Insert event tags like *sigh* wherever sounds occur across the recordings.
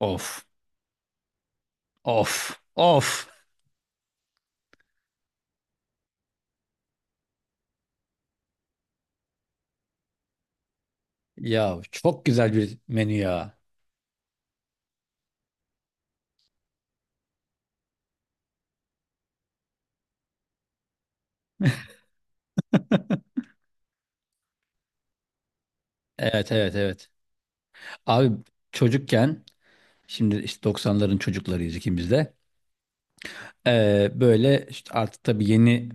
Of, of, of. Ya çok güzel bir menü ya. Evet, evet, evet. Abi çocukken, şimdi işte 90'ların çocuklarıyız ikimiz de. Böyle işte artık tabii yeni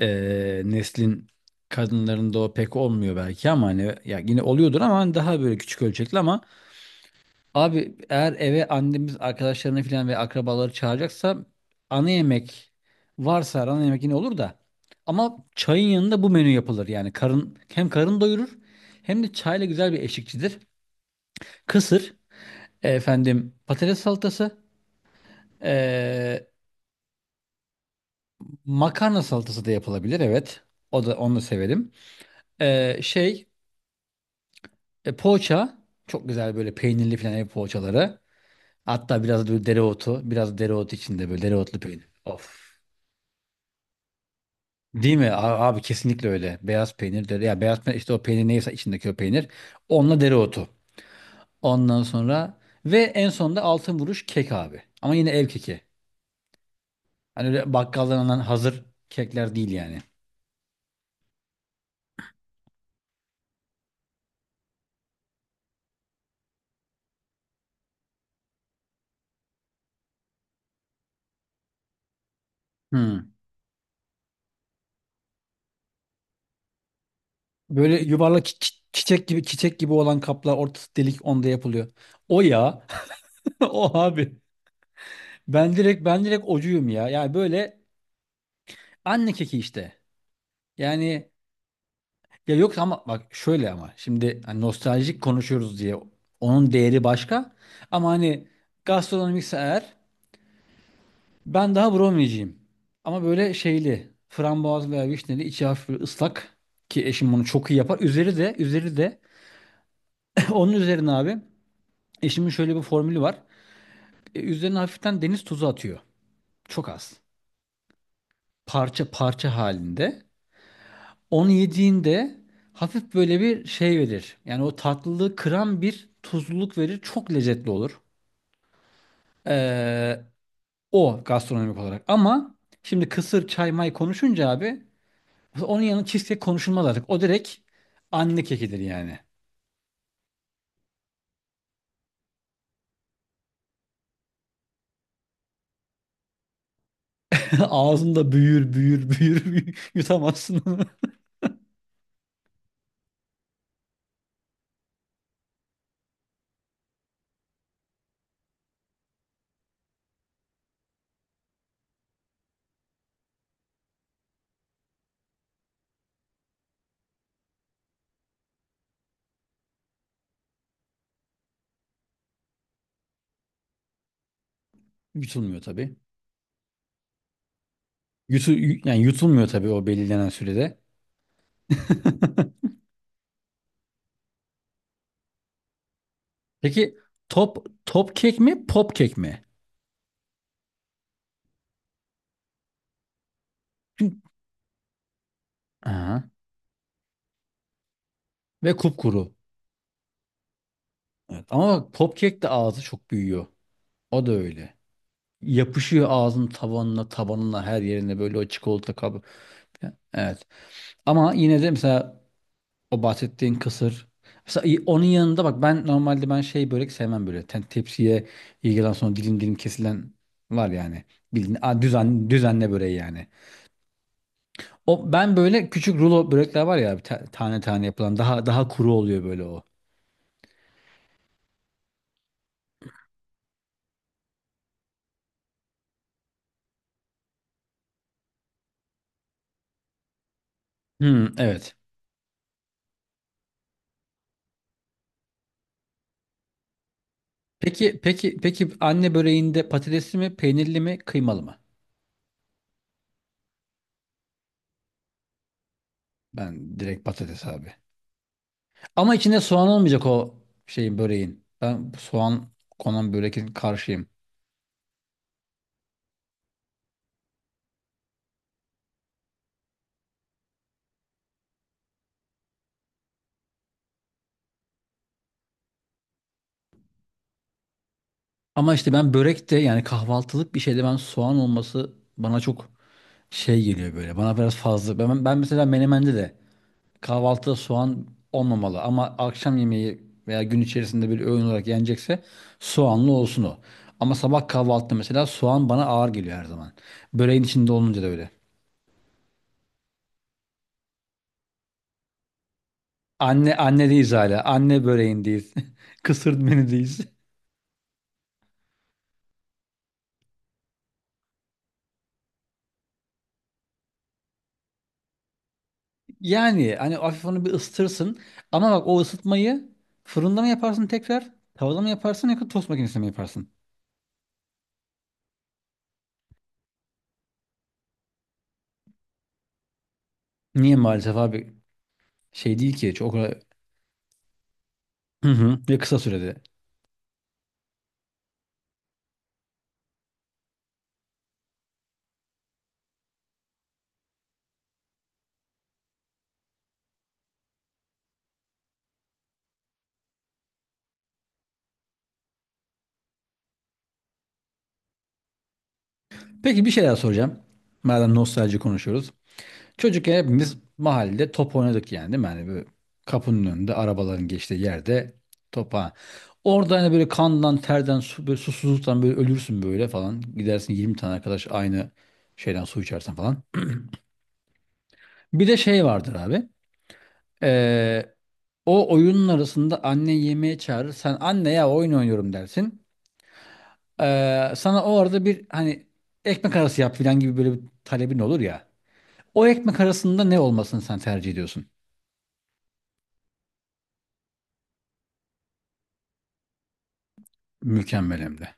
neslin kadınlarında o pek olmuyor belki ama hani ya yine oluyordur ama hani daha böyle küçük ölçekli ama. Abi eğer eve annemiz arkadaşlarını falan ve akrabaları çağıracaksa ana yemek varsa ana yemek yine olur da, ama çayın yanında bu menü yapılır yani, karın hem karın doyurur hem de çayla güzel bir eşlikçidir. Kısır, efendim, patates salatası, e, makarna salatası da yapılabilir, evet, o da, onu da severim. Şey, poğaça çok güzel, böyle peynirli falan ev poğaçaları, hatta biraz da böyle dereotu, biraz dereotu içinde, böyle dereotlu peynir of. Değil mi? Abi kesinlikle öyle. Beyaz peynir dere ya, beyaz peynir işte, o peynir neyse içindeki o peynir. Onunla dereotu. Ondan sonra ve en sonunda altın vuruş kek abi. Ama yine ev keki. Hani öyle bakkaldan alınan hazır kekler değil yani. Hmm. Böyle yuvarlak çiçek gibi, çiçek gibi olan kaplar ortası delik, onda yapılıyor. O ya. *laughs* O abi. Ben direkt ocuyum ya. Yani böyle anne keki işte. Yani, ya yok, ama bak şöyle, ama şimdi hani nostaljik konuşuyoruz diye onun değeri başka. Ama hani gastronomikse eğer, ben daha brownie'ciyim. Ama böyle şeyli, frambuazlı veya vişneli, içi hafif böyle ıslak, ki eşim bunu çok iyi yapar. Üzeri de *laughs* onun üzerine abi, eşimin şöyle bir formülü var. Üzerine hafiften deniz tuzu atıyor. Çok az. Parça parça halinde. Onu yediğinde hafif böyle bir şey verir. Yani o tatlılığı kıran bir tuzluluk verir. Çok lezzetli olur. Ee, o gastronomik olarak. Ama şimdi kısır çay may konuşunca abi, onun yanı cheesecake konuşulmaz artık. O direkt anne kekidir yani. *laughs* Ağzında büyür büyür büyür, büyür, yutamazsın onu. *laughs* Yutulmuyor tabii. Yani yutulmuyor tabii o belirlenen sürede. Peki, top top kek mi, pop kek mi? Çünkü, aha, ve kupkuru. Evet. Ama bak pop kek de ağzı çok büyüyor. O da öyle. Yapışıyor ağzın tavanına, tabanına, her yerine, böyle o çikolata kabı. Evet. Ama yine de mesela o bahsettiğin kısır. Mesela i- onun yanında bak, ben normalde, ben şey, börek sevmem böyle. Tepsiye ilgilen sonra dilim dilim kesilen var yani. Bildiğin düzenle böreği yani. O ben böyle küçük rulo börekler var ya, ta- tane tane yapılan, daha daha kuru oluyor böyle o. Hmm, evet. Peki, peki, peki, anne böreğinde patatesli mi, peynirli mi, kıymalı mı? Ben direkt patates abi. Ama içinde soğan olmayacak o şeyin, böreğin. Ben soğan konan börekin karşıyım. Ama işte ben börekte, yani kahvaltılık bir şeyde, ben soğan olması bana çok şey geliyor böyle. Bana biraz fazla. Ben mesela menemende de, kahvaltıda soğan olmamalı. Ama akşam yemeği veya gün içerisinde bir öğün olarak yenecekse, soğanlı olsun o. Ama sabah kahvaltıda mesela soğan bana ağır geliyor her zaman. Böreğin içinde olunca da öyle. Anne anne değiliz hala. Anne böreğindeyiz. *laughs* Kısır menüdeyiz. Yani hani hafif onu bir ısıtırsın. Ama bak, o ısıtmayı fırında mı yaparsın tekrar? Tavada mı yaparsın, yoksa tost makinesinde mi yaparsın? Niye maalesef abi, şey değil ki çok, o kadar- hı hı, ve kısa sürede. Peki, bir şey daha soracağım. Madem nostalji konuşuyoruz. Çocukken hepimiz mahallede top oynadık yani, değil mi? Hani böyle kapının önünde, arabaların geçtiği yerde topa. Orada hani böyle kandan, terden, su, böyle susuzluktan böyle ölürsün böyle falan. Gidersin, 20 tane arkadaş aynı şeyden su içersen falan. Bir de şey vardır abi. Ee, o oyunun arasında anne yemeğe çağırır. Sen anne ya oyun oynuyorum dersin. Sana o arada bir, hani, ekmek arası yap falan gibi böyle bir talebin olur ya. O ekmek arasında ne olmasını sen tercih ediyorsun? Mükemmel hem de.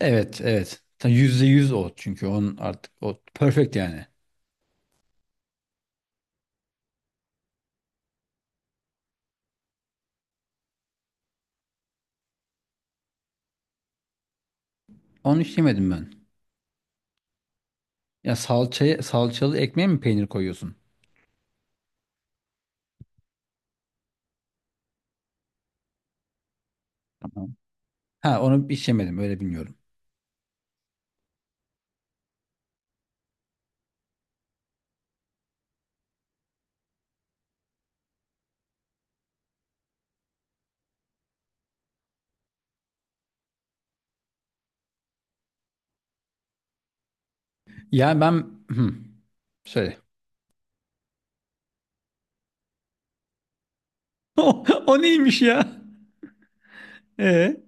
Evet, evet. Ta %100 o, çünkü onun artık o perfect yani. Onu hiç yemedim ben. Ya salçaya, salçalı ekmeğe mi peynir koyuyorsun? Tamam. Ha, onu hiç yemedim, öyle bilmiyorum. Ya ben, hmm, söyle. *laughs* O, o neymiş ya? Ee?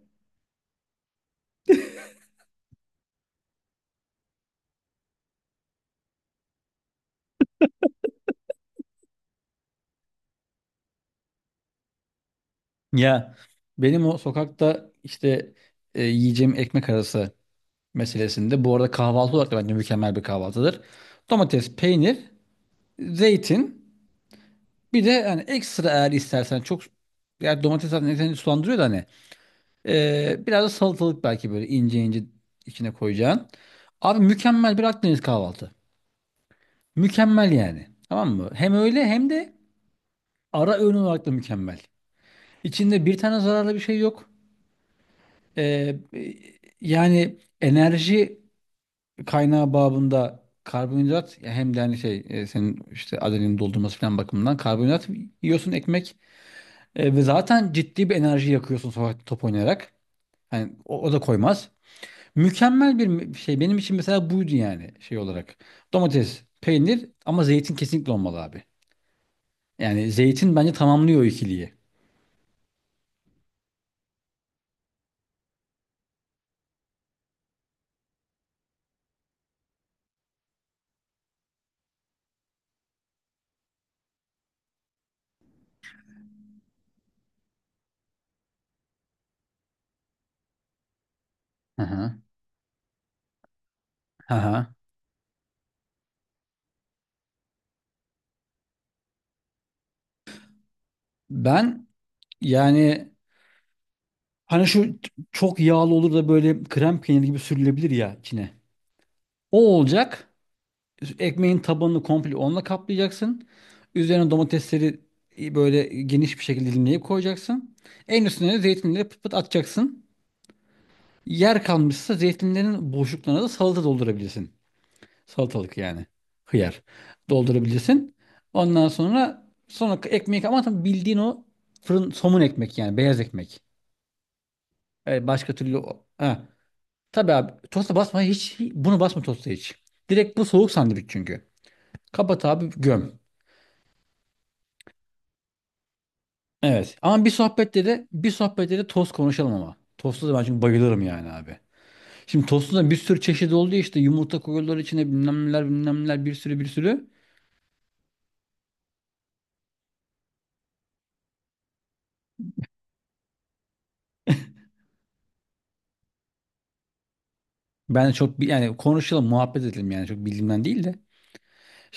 Ya benim o sokakta işte, yiyeceğim ekmek arası meselesinde, bu arada kahvaltı olarak da bence mükemmel bir kahvaltıdır. Domates, peynir, zeytin, bir de hani ekstra eğer istersen çok, yani domates zaten seni sulandırıyor da, hani, biraz da salatalık belki, böyle ince ince içine koyacağın. Abi, mükemmel bir Akdeniz kahvaltı. Mükemmel yani. Tamam mı? Hem öyle, hem de ara öğün olarak da mükemmel. İçinde bir tane zararlı bir şey yok. Ee, e, yani enerji kaynağı babında karbonhidrat ya, hem de hani şey, senin işte adrenalin doldurması falan bakımından karbonhidrat yiyorsun, ekmek. Ve zaten ciddi bir enerji yakıyorsun sokakta top oynayarak. Hani o da koymaz. Mükemmel bir şey benim için mesela buydu yani, şey olarak. Domates, peynir, ama zeytin kesinlikle olmalı abi. Yani zeytin bence tamamlıyor o ikiliyi. Hı hı. Hı hı. Ben, yani, hani şu çok yağlı olur da böyle krem peyniri gibi sürülebilir ya içine. O olacak. Ekmeğin tabanını komple onunla kaplayacaksın. Üzerine domatesleri böyle geniş bir şekilde dilimleyip koyacaksın. En üstüne de zeytinleri pıt pıt atacaksın. Yer kalmışsa, zeytinlerin boşluklarına da salata doldurabilirsin. Salatalık yani. Hıyar. Doldurabilirsin. Ondan sonra ekmeği, ama tabii bildiğin o fırın somun ekmek, yani beyaz ekmek. Evet, başka türlü ha. Tabii abi, tosta basma hiç, bunu basma tosta hiç. Direkt bu soğuk sandviç çünkü. Kapat abi, göm. Evet, ama bir sohbette de, tost konuşalım ama. Tostu da ben çünkü bayılırım yani abi. Şimdi tostu da bir sürü çeşidi oldu ya, işte yumurta koyuyorlar içine, bilmem neler bilmem neler, bir sürü bir sürü. Ben de çok yani konuşalım, muhabbet edelim yani, çok bildiğimden değil de.